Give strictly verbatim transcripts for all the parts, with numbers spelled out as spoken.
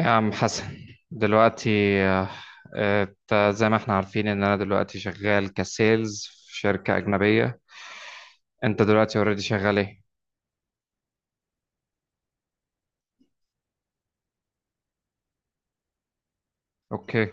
يا عم حسن دلوقتي. آه، آه، انت زي ما احنا عارفين ان انا دلوقتي شغال كسيلز في شركة أجنبية. انت دلوقتي اوريدي شغال ايه؟ اوكي.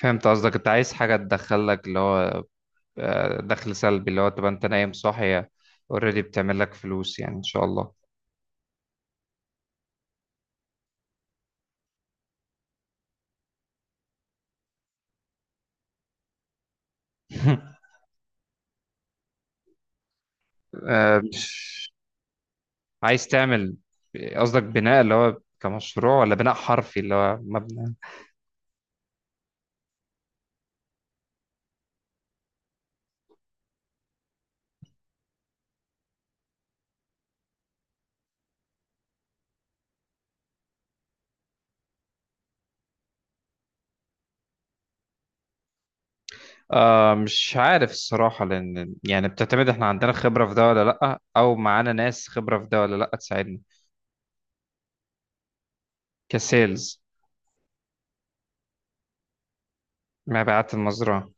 فهمت قصدك، انت عايز حاجة تدخلك اللي هو آه، دخل سلبي، اللي هو تبقى انت نايم صاحي اوريدي بتعمل لك فلوس، يعني ان شاء الله. آه، مش. عايز تعمل، قصدك بناء اللي هو كمشروع ولا بناء حرفي اللي هو مبنى؟ آه مش عارف الصراحة، لأن يعني بتعتمد، احنا عندنا خبرة في ده ولا لأ، أو معانا ناس خبرة في ده ولا لأ تساعدنا. كسيلز. مبيعات المزرعة.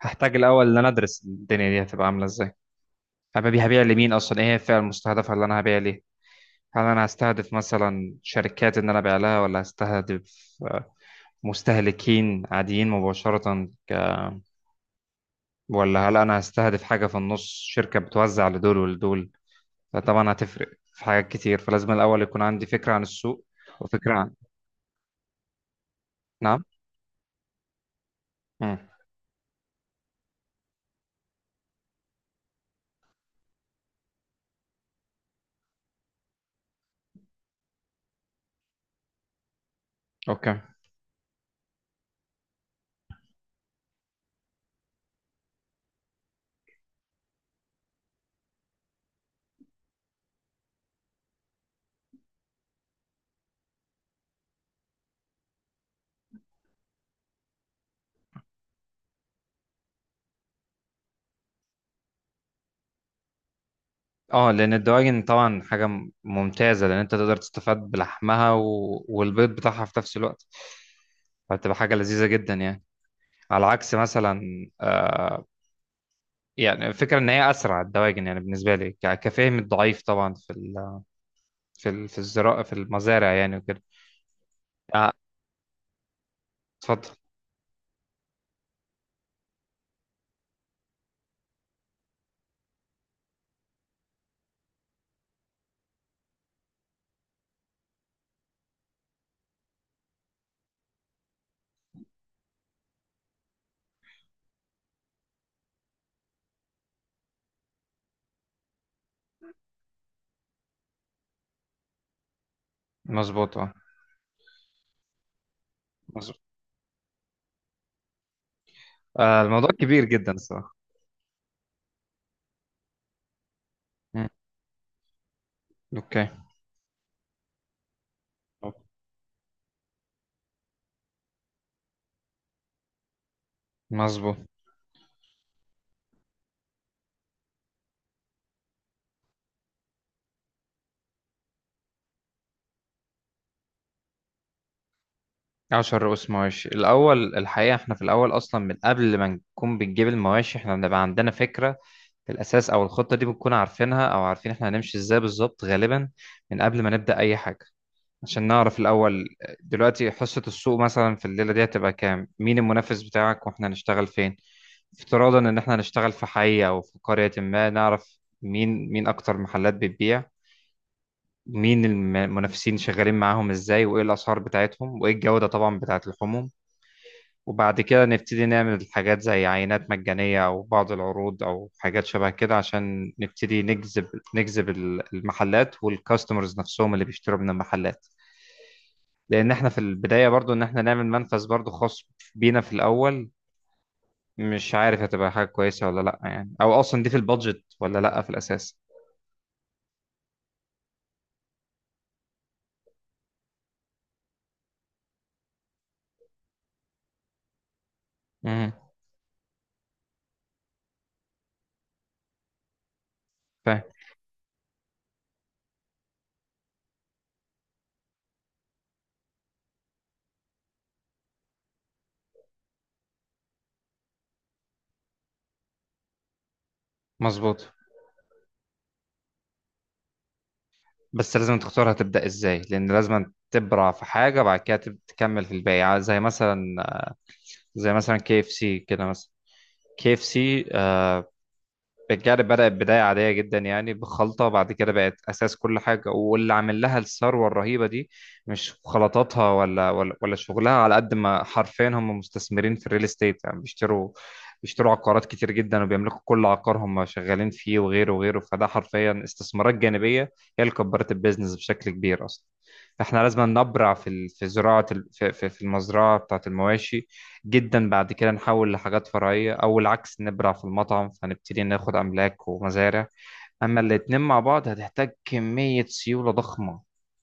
هحتاج الأول إن أنا أدرس الدنيا دي هتبقى عاملة إزاي، هبقى هبيع لمين أصلا، إيه هي الفئة المستهدفة اللي أنا هبيع ليها. هل أنا هستهدف مثلا شركات إن أنا أبيع لها، ولا هستهدف آه، مستهلكين عاديين مباشرة ك... ولا هل أنا هستهدف حاجة في النص، شركة بتوزع لدول ولدول؟ فطبعا هتفرق في حاجات كتير، فلازم الأول يكون عندي فكرة عن السوق وفكرة عن. نعم. مم. أوكي. اه، لأن الدواجن طبعا حاجة م- ممتازة، لأن أنت تقدر تستفاد بلحمها و... والبيض بتاعها في نفس الوقت، فهتبقى حاجة لذيذة جدا يعني. على عكس مثلا، آه، يعني الفكرة إن هي أسرع الدواجن، يعني بالنسبة لي ك- كفهم الضعيف طبعا، في ال... في ال... في الزراعة في المزارع يعني وكده. آه، اتفضل. مظبوط، اه مظبوط. آه، الموضوع كبير جدا الصراحة. مم. أوكي. مظبوط. عشر رؤوس مواشي الأول، الحقيقة احنا في الأول أصلا من قبل ما نكون بنجيب المواشي احنا بنبقى عندنا فكرة في الأساس، أو الخطة دي بنكون عارفينها أو عارفين احنا هنمشي ازاي بالظبط غالبا، من قبل ما نبدأ أي حاجة، عشان نعرف الأول دلوقتي حصة السوق مثلا في الليلة دي هتبقى كام، مين المنافس بتاعك، واحنا هنشتغل فين. افتراضا إن احنا هنشتغل في حي أو في قرية، ما نعرف مين مين أكتر محلات بتبيع، مين الم- المنافسين شغالين معاهم ازاي، وايه الأسعار بتاعتهم، وايه الجودة طبعا بتاعت اللحوم. وبعد كده نبتدي نعمل حاجات زي عينات مجانية أو بعض العروض أو حاجات شبه كده، عشان نبتدي نجذب نجذب ال- المحلات والكاستمرز نفسهم اللي بيشتروا من المحلات. لأن إحنا في البداية برضو إن إحنا نعمل منفذ برضو خاص بينا في الأول، مش عارف هتبقى حاجة كويسة ولا لأ يعني، أو أصلا دي في البادجت ولا لأ في الأساس. امم فاهم. مظبوط. بس لازم تختار هتبدأ إزاي، لأن لازم تبرع في حاجة بعد كده تب- تكمل في الباقي، زي مثلا، زي مثلا كي اف سي كده مثلا. كي اف سي بالجعل بدأت بداية عادية جدا، يعني بخلطة، بعد كده بقت أساس كل حاجة، واللي عامل لها الثروة الرهيبة دي مش خلطاتها ولا ولا ولا شغلها، على قد ما حرفيا هم مستثمرين في الريل استيت، يعني بيشتروا بيشتروا عقارات كتير جدا، وبيملكوا كل عقار هم شغالين فيه وغيره وغيره. فده حرفيا استثمارات جانبية هي اللي كبرت البيزنس بشكل كبير أصلا. احنا لازم نبرع في ال- في زراعة ال- في في- في المزرعة بتاعة المواشي جدا، بعد كده نحول لحاجات فرعية، أو العكس نبرع في المطعم فنبتدي ناخد أملاك ومزارع. أما الاتنين مع بعض هتحتاج كمية سيولة ضخمة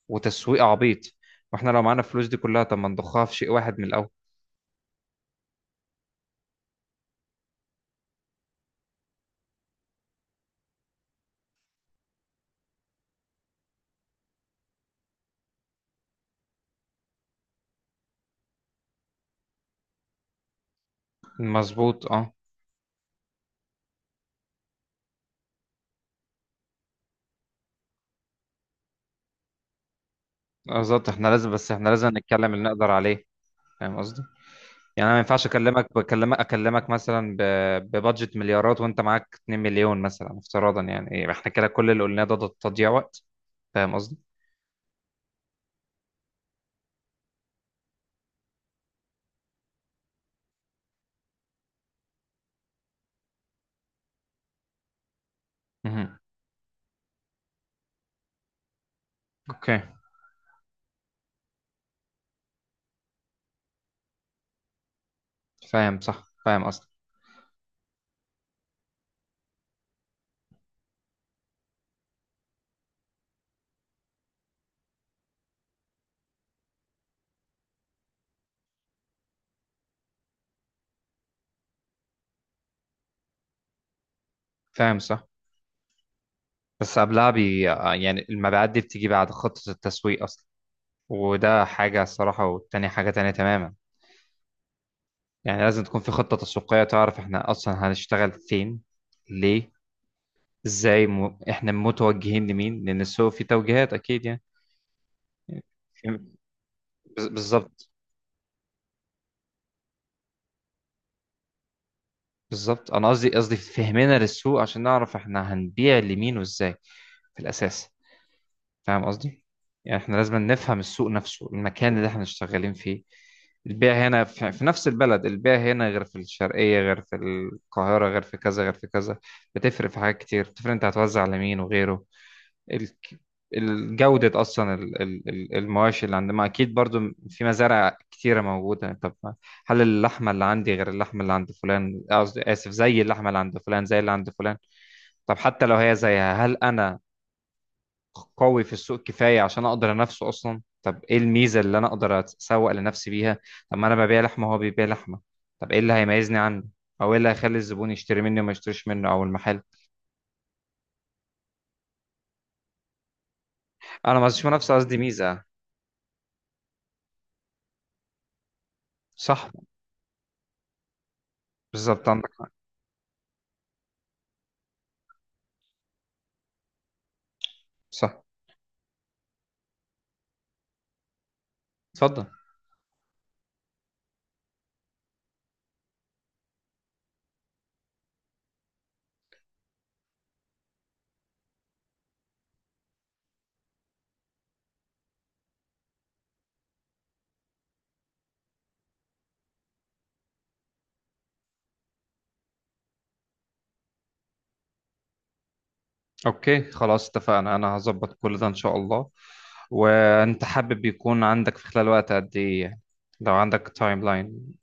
وتسويق عبيط، واحنا لو معانا الفلوس دي كلها طب ما نضخها في شيء واحد من الأول. مظبوط اه. بالظبط، احنا لازم، بس احنا لازم نتكلم اللي نقدر عليه. فاهم قصدي؟ يعني انا ما ينفعش اكلمك، بكلمك اكلمك مثلا ب- ببادجت مليارات وانت معاك 2 مليون مثلا افتراضا، يعني ايه احنا كده، كل اللي قلناه ده ده تضييع وقت. فاهم قصدي؟ مهم. اوكي. فاهم صح، فاهم اصلا. فاهم صح. بس قبلها بي آه، يعني المبيعات دي بتيجي بعد خطة التسويق اصلا، وده حاجة الصراحة، والتانية حاجة تانية تماما. يعني لازم تكون في خطة تسويقية تعرف احنا اصلا هنشتغل فين، ليه، ازاي، م... احنا متوجهين لمين، لان السوق فيه توجيهات اكيد يعني. بز- بالظبط. بالظبط انا قصدي قصدي فهمنا للسوق عشان نعرف احنا هنبيع لمين وازاي في الاساس. فاهم قصدي؟ يعني احنا لازم نفهم السوق نفسه، المكان اللي احنا شغالين فيه. البيع هنا في, في نفس البلد، البيع هنا غير في الشرقية غير في القاهرة غير في كذا غير في كذا. بتفرق في حاجات كتير، بتفرق انت هتوزع على مين وغيره. ال- الجودة أصلا، ال- ال- ال- المواشي اللي عندنا، ما أكيد برضو في مزارع كتيرة موجودة. طب ما- هل اللحمة اللي عندي غير اللحمة اللي عند فلان، قصدي آسف، زي اللحمة اللي عند فلان زي اللي عند فلان. طب حتى لو هي زيها، هل أنا قوي في السوق كفايه عشان اقدر انافسه اصلا؟ طب ايه الميزه اللي انا اقدر اتسوق لنفسي بيها؟ طب ما انا ببيع لحمه وهو بيبيع لحمه، طب ايه اللي هيميزني عنه، او ايه اللي هيخلي الزبون يشتري مني وما يشتريش منه او المحل. انا ما قصديش منافسه، قصدي ميزه. صح. بالظبط عندك. صح. اتفضل. اوكي خلاص اتفقنا، انا هظبط كل ده ان شاء الله. وانت حابب يكون عندك في خلال وقت قد ايه يعني؟ لو عندك تايم لاين.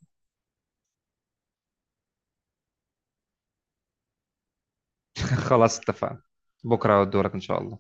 خلاص اتفقنا. بكره دورك ان شاء الله.